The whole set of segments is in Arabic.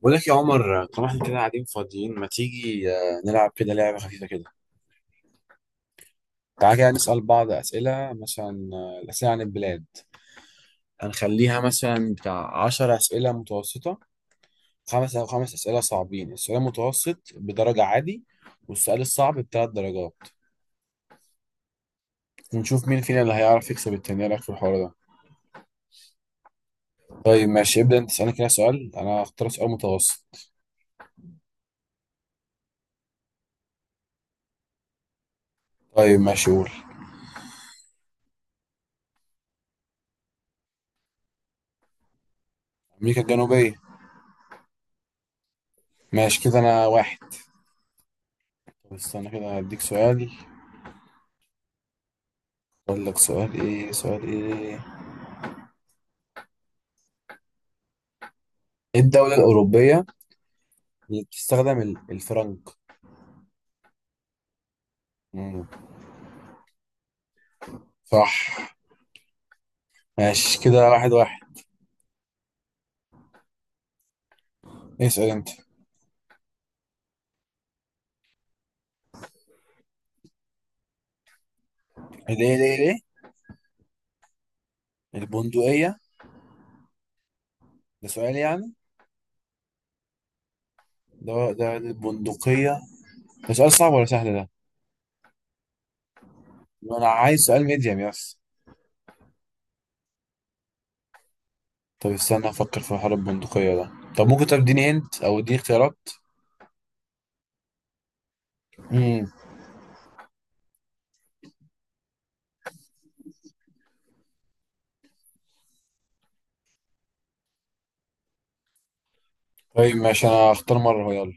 بقول لك يا عمر، طالما احنا كده قاعدين فاضيين ما تيجي نلعب كده لعبة خفيفة كده. تعالى كده نسأل بعض أسئلة، مثلا الأسئلة عن البلاد. هنخليها مثلا بتاع عشر أسئلة متوسطة. خمس أو خمس أسئلة صعبين، السؤال المتوسط بدرجة عادي، والسؤال الصعب بتلات درجات. ونشوف مين فينا اللي هيعرف يكسب التاني. إيه رأيك في الحوار ده؟ طيب ماشي، ابدأ أنت تسألني كده سؤال، أنا هختار سؤال متوسط. طيب ماشي قول. أمريكا الجنوبية. ماشي كده، أنا واحد. طب استنى كده هديك سؤال. اقول لك سؤال ايه، سؤال ايه. ايه الدولة الأوروبية اللي بتستخدم الفرنك؟ مم. صح. ماشي كده، واحد واحد. اسأل انت. ليه ليه ليه؟ البندقية. ده سؤال يعني. ده البندقية. ده سؤال صعب ولا سهل ده؟ انا عايز سؤال ميديم يس. طب استنى افكر في حوار البندقية ده. طب ممكن تديني هنت او اديني اختيارات. امم. طيب ماشي، انا هختار مرة، هو يلا.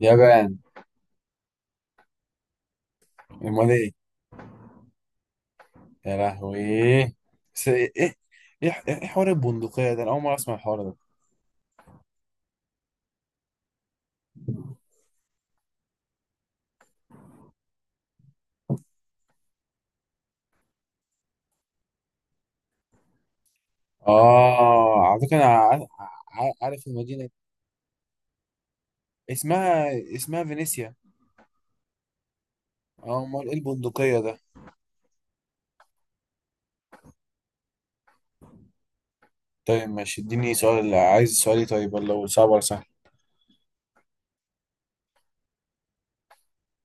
يابان. امال ايه؟ يا لهوي. بس ايه ايه؟ إيه حوار البندقية ده؟ انا اول مرة اسمع الحوار ده. اه، على فكرة انا عارف. عارف المدينة. اسمها. اسمها فينيسيا. اه، امال ايه البندقية ده؟ طيب ماشي اديني سؤال، عايز سؤالي طيب ولا هو صعب ولا سهل؟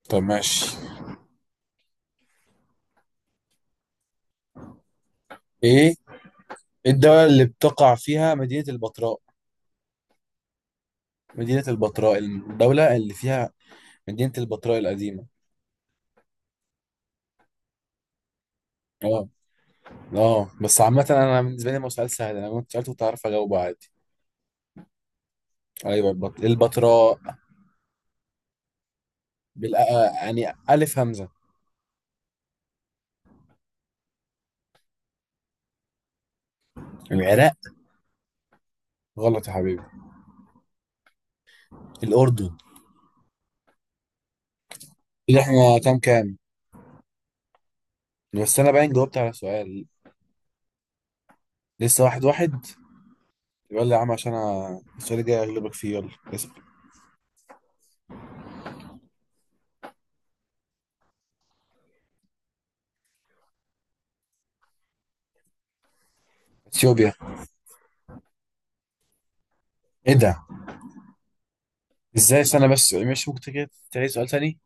طب ماشي. ايه؟ إيه الدولة اللي بتقع فيها مدينة البتراء؟ مدينة البتراء، الدولة اللي فيها. مدينة البتراء القديمة. اه. اه، بس عامة انا بالنسبة لي ما هو سؤال سهل، انا كنت سألته كنت عارف اجاوبه عادي. ايوه البتراء. بال آه، يعني ألف همزة. العراق؟ غلط يا حبيبي. الأردن. كده احنا كام كام؟ بس أنا باين جاوبت على سؤال. لسه واحد واحد. يلا يا عم، عشان أنا السؤال الجاي أغلبك فيه. يلا. اسأل. أثيوبيا. إيه ده؟ إزاي؟ استنى بس، مش ممكن كده تعيد سؤال تاني؟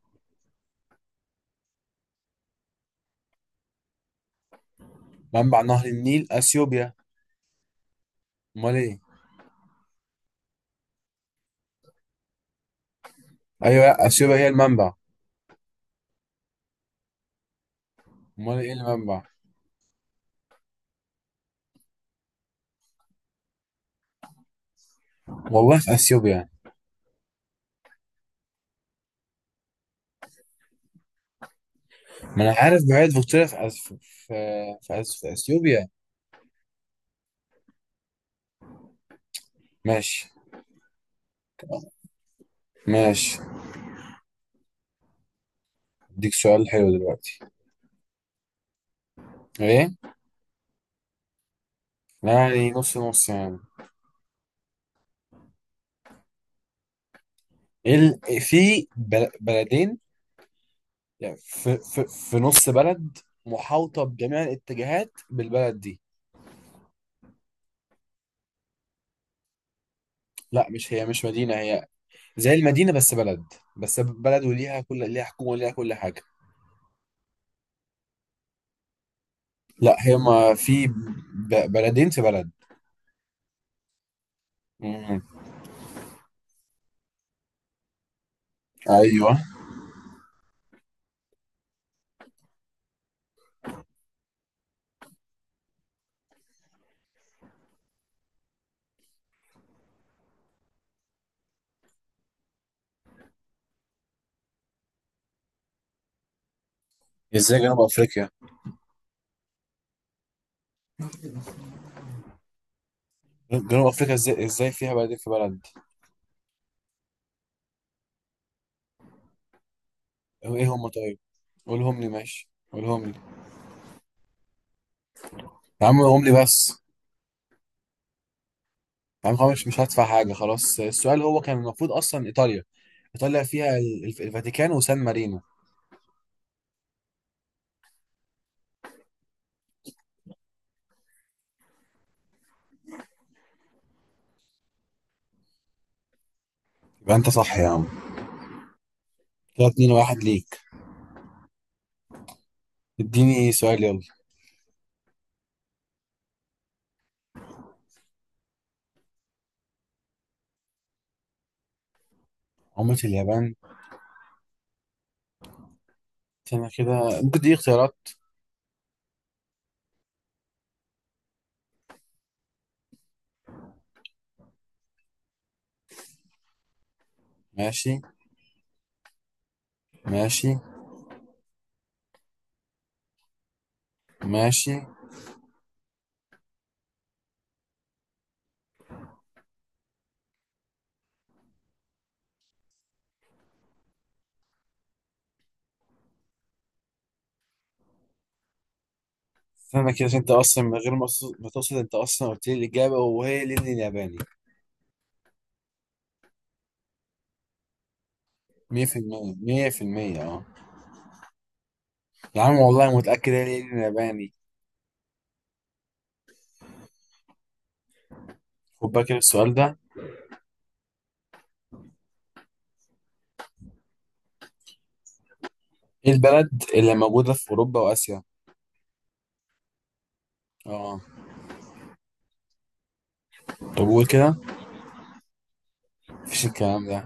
منبع نهر النيل أثيوبيا. أمال إيه؟ أيوه، لا، أثيوبيا هي المنبع. أمال إيه المنبع؟ والله في أثيوبيا. ما أنا عارف بعيد فيكتوريا في في، في أثيوبيا. ماشي. ماشي. أديك سؤال حلو دلوقتي. إيه؟ يعني نص نص يعني. إيه إيه في بلدين، يعني في... نص بلد محاوطة بجميع الاتجاهات بالبلد دي. لا، مش مدينة هي. زي المدينة بس بلد. بس بلد، وليها ليها حكومة، وليها كل حاجة. لا هي ما في بلدين في بلد. مم. ايوه. ازاي جنوب افريقيا؟ جنوب افريقيا ازاي فيها بلدين في بلد؟ ايه هم طيب؟ قولهم لي ماشي، قولهم لي. يا عم قولهم لي بس. يعني خلاص مش هدفع حاجة. خلاص، السؤال هو كان المفروض أصلا إيطاليا. إيطاليا فيها الفاتيكان وسان مارينو. يبقى أنت صح يا عم. كده اتنين واحد ليك. اديني سؤال يلا. عملة اليابان. استنى كده، ممكن تديني اختيارات. ماشي. ماشي. ماشي. استنى كده، عشان أنت أصلا من غير ما تقصد أنت أصلا قلت لي الإجابة، وهي الين الياباني. 100% 100% أه. يا عم والله متأكد، هي الين الياباني. خد بالك السؤال ده. إيه البلد اللي موجودة في أوروبا وآسيا؟ أه. طب قول كده. مفيش الكلام ده.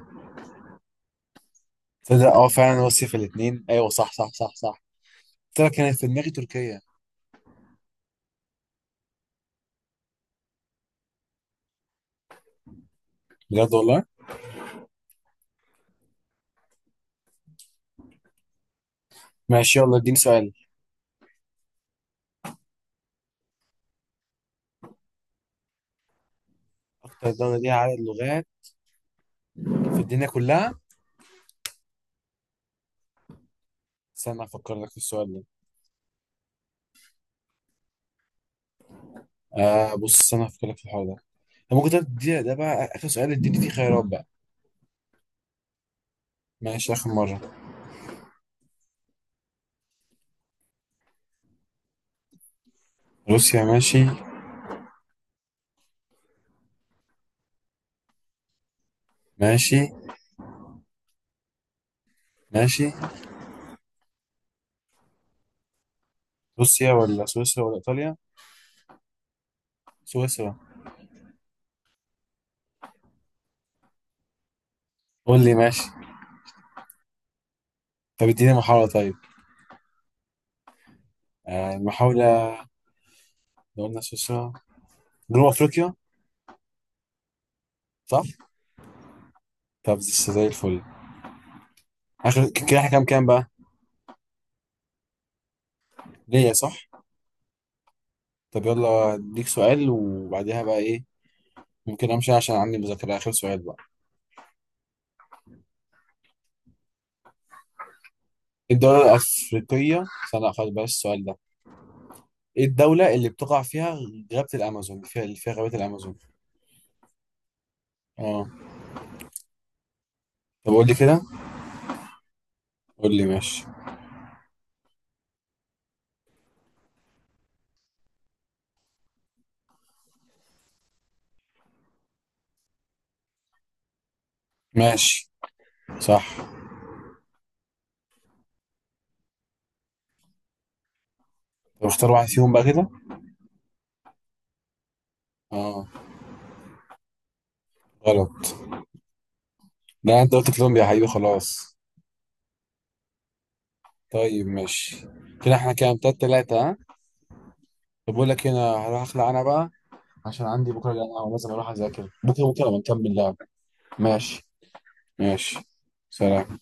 تصدق اه، فعلا هو الصيف الاثنين، ايوه صح صح صح صح. قلت لك انا في دماغي تركيا. بجد والله. ماشي يلا، اديني سؤال. اكتر دولة ليها عدد لغات. في الدنيا كلها. استنى افكر لك في السؤال ده. بص، استنى افكر لك في الحوار ده. طب ممكن تدي ده بقى اخر سؤال، اديني فيه خيارات بقى. ماشي اخر مرة. روسيا. ماشي. ماشي. ماشي. روسيا ولا سويسرا ولا ايطاليا؟ سويسرا. قول لي ماشي. طب اديني محاولة طيب. المحاولة. لو قلنا سويسرا. جنوب افريقيا. صح. طب زي الفل. اخر. كده احنا كام كام بقى؟ ليا، صح. طب يلا اديك سؤال وبعديها بقى ايه. ممكن امشي عشان عندي مذاكره، اخر سؤال بقى. إيه الدوله الافريقيه، استنى لا، خلاص بلاش السؤال ده. ايه الدوله اللي بتقع فيها غابه الامازون، فيها اللي فيها غابه الامازون. اه. طب قول لي كده. قول لي ماشي. ماشي صح. طب اختار واحد فيهم بقى كده. اه. غلط. لا، انت قلت كولومبيا يا حبيبي، خلاص. طيب ماشي. كده احنا كام؟ تلاتة تلاتة، ها؟ طب بقول لك، هنا هروح اخلع انا بقى. عشان عندي بكرة جامعة ولازم أروح أذاكر بكرة. بكرة بنكمل لعب. ماشي. ماشي. سلام.